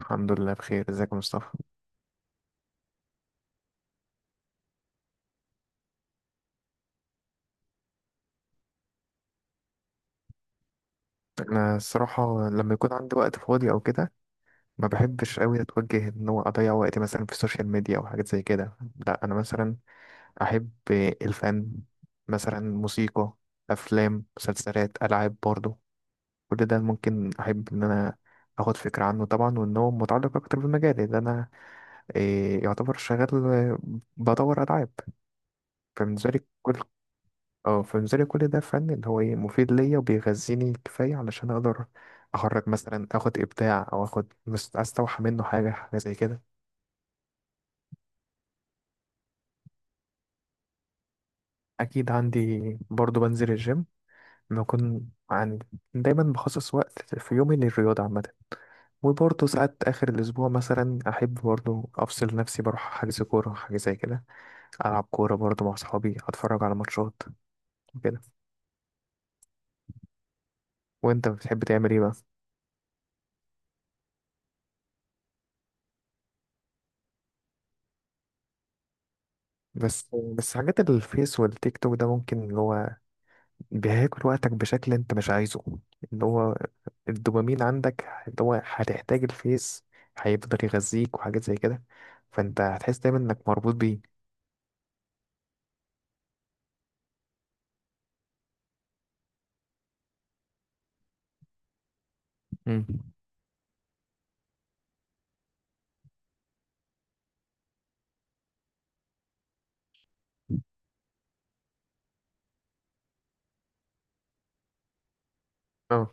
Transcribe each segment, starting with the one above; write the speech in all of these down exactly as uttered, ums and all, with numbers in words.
الحمد لله بخير، ازيك يا مصطفى؟ انا الصراحه لما يكون عندي وقت فاضي او كده ما بحبش قوي اتوجه ان هو اضيع وقتي مثلا في السوشيال ميديا او حاجات زي كده. لا انا مثلا احب الفن، مثلا موسيقى، افلام، مسلسلات، العاب برضو. كل ده ممكن احب ان انا اخد فكره عنه طبعا، وان هو متعلق اكتر بالمجال اللي انا إيه يعتبر شغال، آه، بدور العاب. فبالنسبه لي كل اه فبالنسبة لي كل ده فن اللي هو ايه مفيد ليا وبيغذيني كفاية علشان اقدر اخرج مثلا، اخد ابداع او اخد مس- استوحى منه حاجة حاجة زي كده. اكيد عندي، برضو بنزل الجيم لما اكون عندي. دايما بخصص وقت في يومي للرياضة عامة، وبرضه ساعات آخر الأسبوع مثلا أحب برضه أفصل نفسي بروح حجز كورة حاجة زي كده، ألعب كورة برضه مع صحابي، أتفرج على ماتشات وكده. وأنت بتحب تعمل إيه بقى؟ بس بس حاجات الفيس والتيك توك ده ممكن اللي هو بياكل وقتك بشكل انت مش عايزه، اللي هو الدوبامين عندك، اللي هو هتحتاج الفيس هيفضل يغذيك وحاجات زي كده، فانت هتحس دايما انك مربوط بيه. امم اه،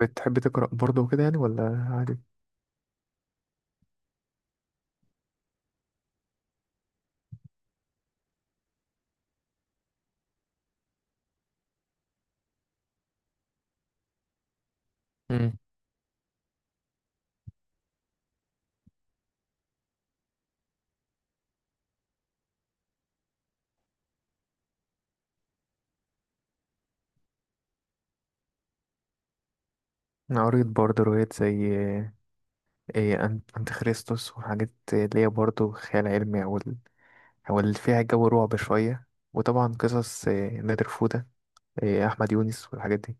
بتحب تقرأ برضه وكده يعني ولا عادي؟ امم أنا قريت برضه روايات زي ايه، أنت- أنت خريستوس وحاجات اللي هي برضه خيال علمي أو ال- أو اللي فيها جو رعب شوية. وطبعا قصص إيه، نادر فودة، إيه، أحمد يونس والحاجات دي.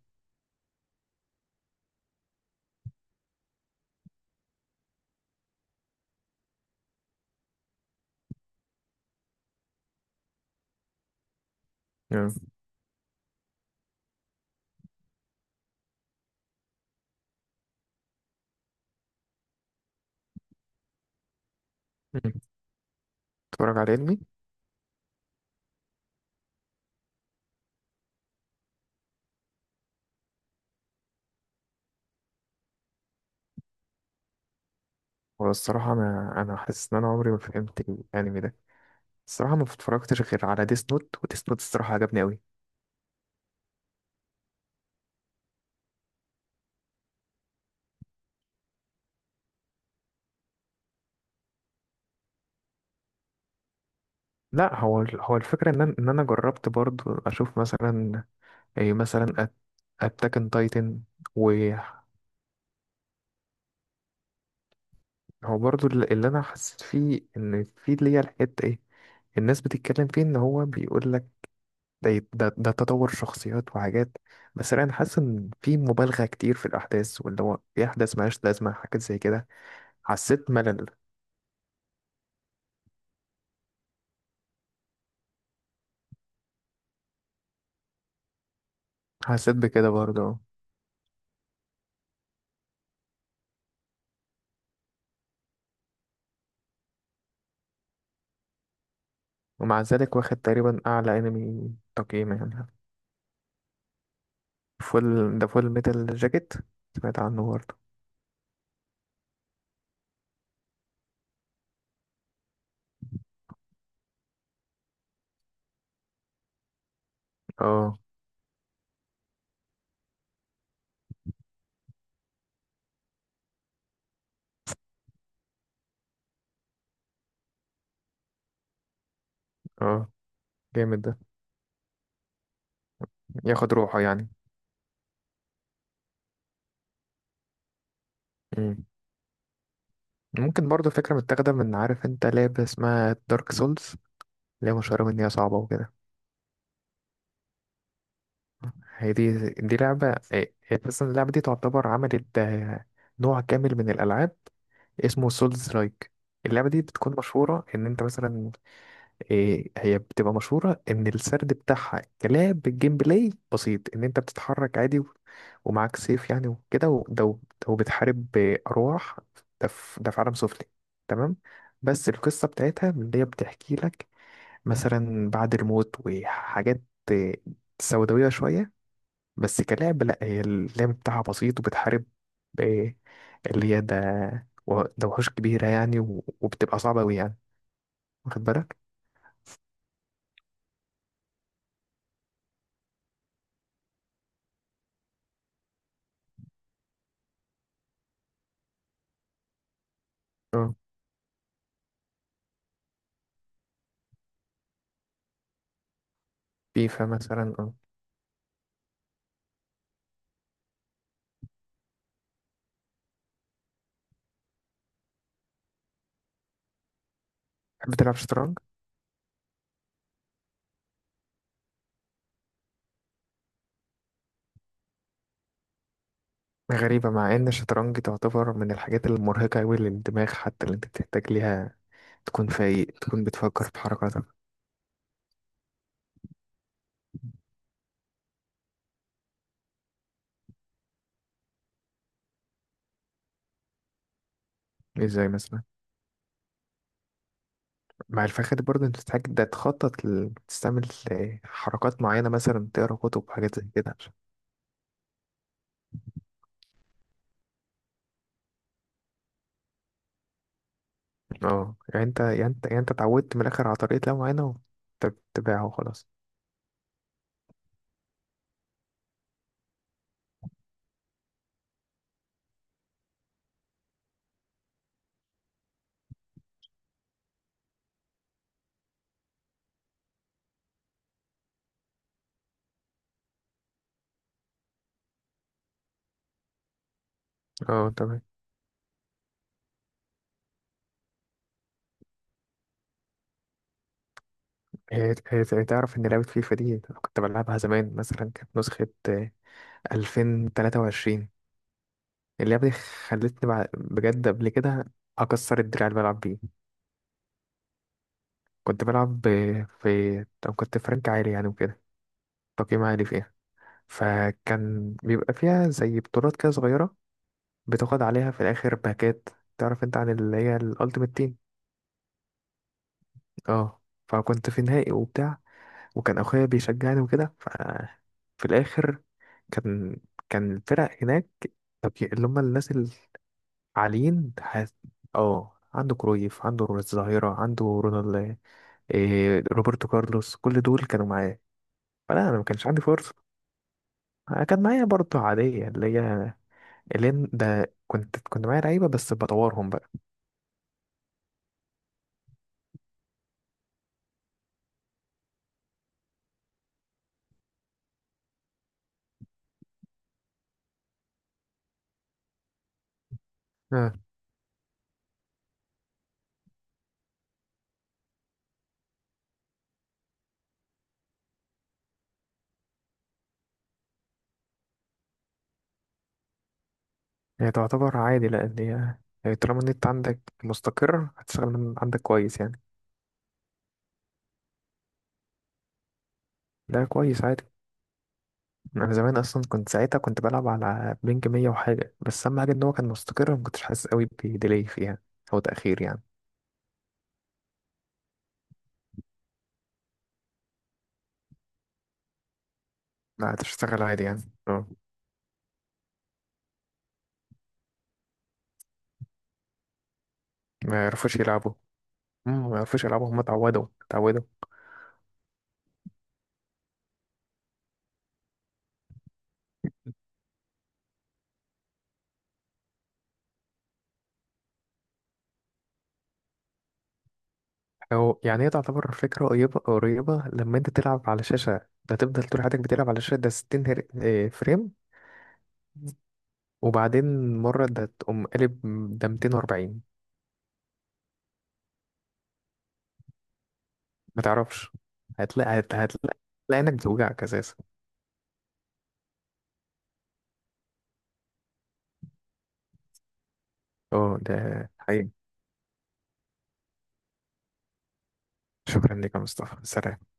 امم تتفرج على علمي. والصراحة أنا أنا حاسس إن أنا عمري ما فهمت الأنمي ده، الصراحة ما اتفرجتش غير على ديس نوت، وديس نوت الصراحة عجبني أوي. لا هو ال- هو الفكرة إن أنا إن أنا جربت برضو أشوف مثلا إيه مثلا أتاك أن تايتن. وهو برضو الل- اللي أنا حسيت فيه إن في اللي هي الحتة إيه، الناس بتتكلم فيه إن هو بيقول لك ده ده, ده تطور شخصيات وحاجات، بس أنا حاسس إن في مبالغة كتير في الأحداث، واللي هو في أحداث ملهاش لازمة حاجات زي كده. حسيت ملل، حسيت بكده برضه. ومع ذلك واخد تقريبا أعلى أنمي تقييم يعني. فول ده فول ميتال جاكيت؟ سمعت عنه برضه. اه، اه، جامد ده، ياخد روحه يعني؟ مم. ممكن برضه فكرة متاخدة من عارف انت لعبة اسمها دارك سولز، اللي هي مشهورة بإن هي صعبة وكده. هي دي دي لعبة، هي أساسا اللعبة دي تعتبر عملت آه، نوع كامل من الألعاب اسمه سولز لايك. اللعبة دي بتكون مشهورة إن أنت مثلا إيه، هي بتبقى مشهورة إن السرد بتاعها كلعب الجيم بلاي بسيط، إن أنت بتتحرك عادي و- ومعاك سيف يعني وكده، وده وده وبتحارب بأرواح، ده في ده في عالم سفلي، تمام. بس القصة بتاعتها من اللي هي بتحكي لك مثلا بعد الموت وحاجات، إيه، سوداوية شوية. بس كلعب لأ، هي اللعب بتاعها بسيط وبتحارب إيه، اللي هي ده و- ده وحوش كبيرة يعني و- وبتبقى صعبة أوي يعني، واخد بالك؟ فيفا مثلا اه. بتحب تلعب شطرنج؟ غريبة مع إن الشطرنج تعتبر من الحاجات المرهقة أوي للدماغ، حتى اللي أنت بتحتاج ليها تكون فايق، تكون بتفكر في حركاتك. ازاي مثلا؟ مع الفخد برضه انت بتحتاج ده تخطط ل- تستعمل حركات معينة، مثلا تقرا كتب وحاجات زي كده عشان- اه، يعني انت يعني انت يعني انت اتعودت من الآخر على طريقة لعب معينة وتتبعها وخلاص. اه، تمام. هي هي هي تعرف إن لعبة فيفا دي كنت بلعبها زمان، مثلا كانت نسخة ألفين تلاتة وعشرين. اللعبة دي خلتني بع- بجد قبل كده أكسر الدراع اللي بلعب بيه. كنت بلعب ب- في طب كنت فرانك عالي يعني وكده، تقييم عالي فيها. فكان بيبقى فيها زي بطولات كده صغيرة، بتاخد عليها في الآخر باكات. تعرف انت عن اللي هي الألتيمت تيم. اه، فكنت في نهائي وبتاع، وكان أخويا بيشجعني وكده. ففي الآخر كان كان الفرق هناك، طب اللي هم الناس علين حاس... اه، عنده كرويف، عنده الظاهرة، عنده رونالد، إيه، روبرتو كارلوس، كل دول كانوا معايا. فلا انا ما كانش عندي فرصة، كان معايا برضه عادية اللي هي اللي إن- ده كنت كنت معايا لعيبة بس بطورهم بقى. اه، هي تعتبر عادي، لأن هي هي طالما النت عندك مستقر هتشتغل من عندك كويس يعني. لا كويس، عادي. أنا زمان أصلا كنت ساعتها كنت بلعب على بينج مية وحاجة، بس أهم حاجة إن هو كان مستقر، ما كنتش حاسس قوي بديلي فيها أو تأخير يعني. لا هتشتغل عادي يعني، اه، ما يعرفوش يلعبوا. مم، ما يعرفوش يلعبوا، هم اتعودوا اتعودوا. هو يعني هي تعتبر فكرة قريبة قريبة لما انت تلعب على شاشة، ده تفضل طول حياتك بتلعب على شاشة ده ستين هر- آه، فريم، وبعدين مرة ده تقوم قلب، ده مئتين واربعين ما تعرفش، هتلاقي هت- هتلاقي هتلاقي انك بتوجعك اساسا. اه، ده حقيقي. شكرا لك يا مصطفى، سلام.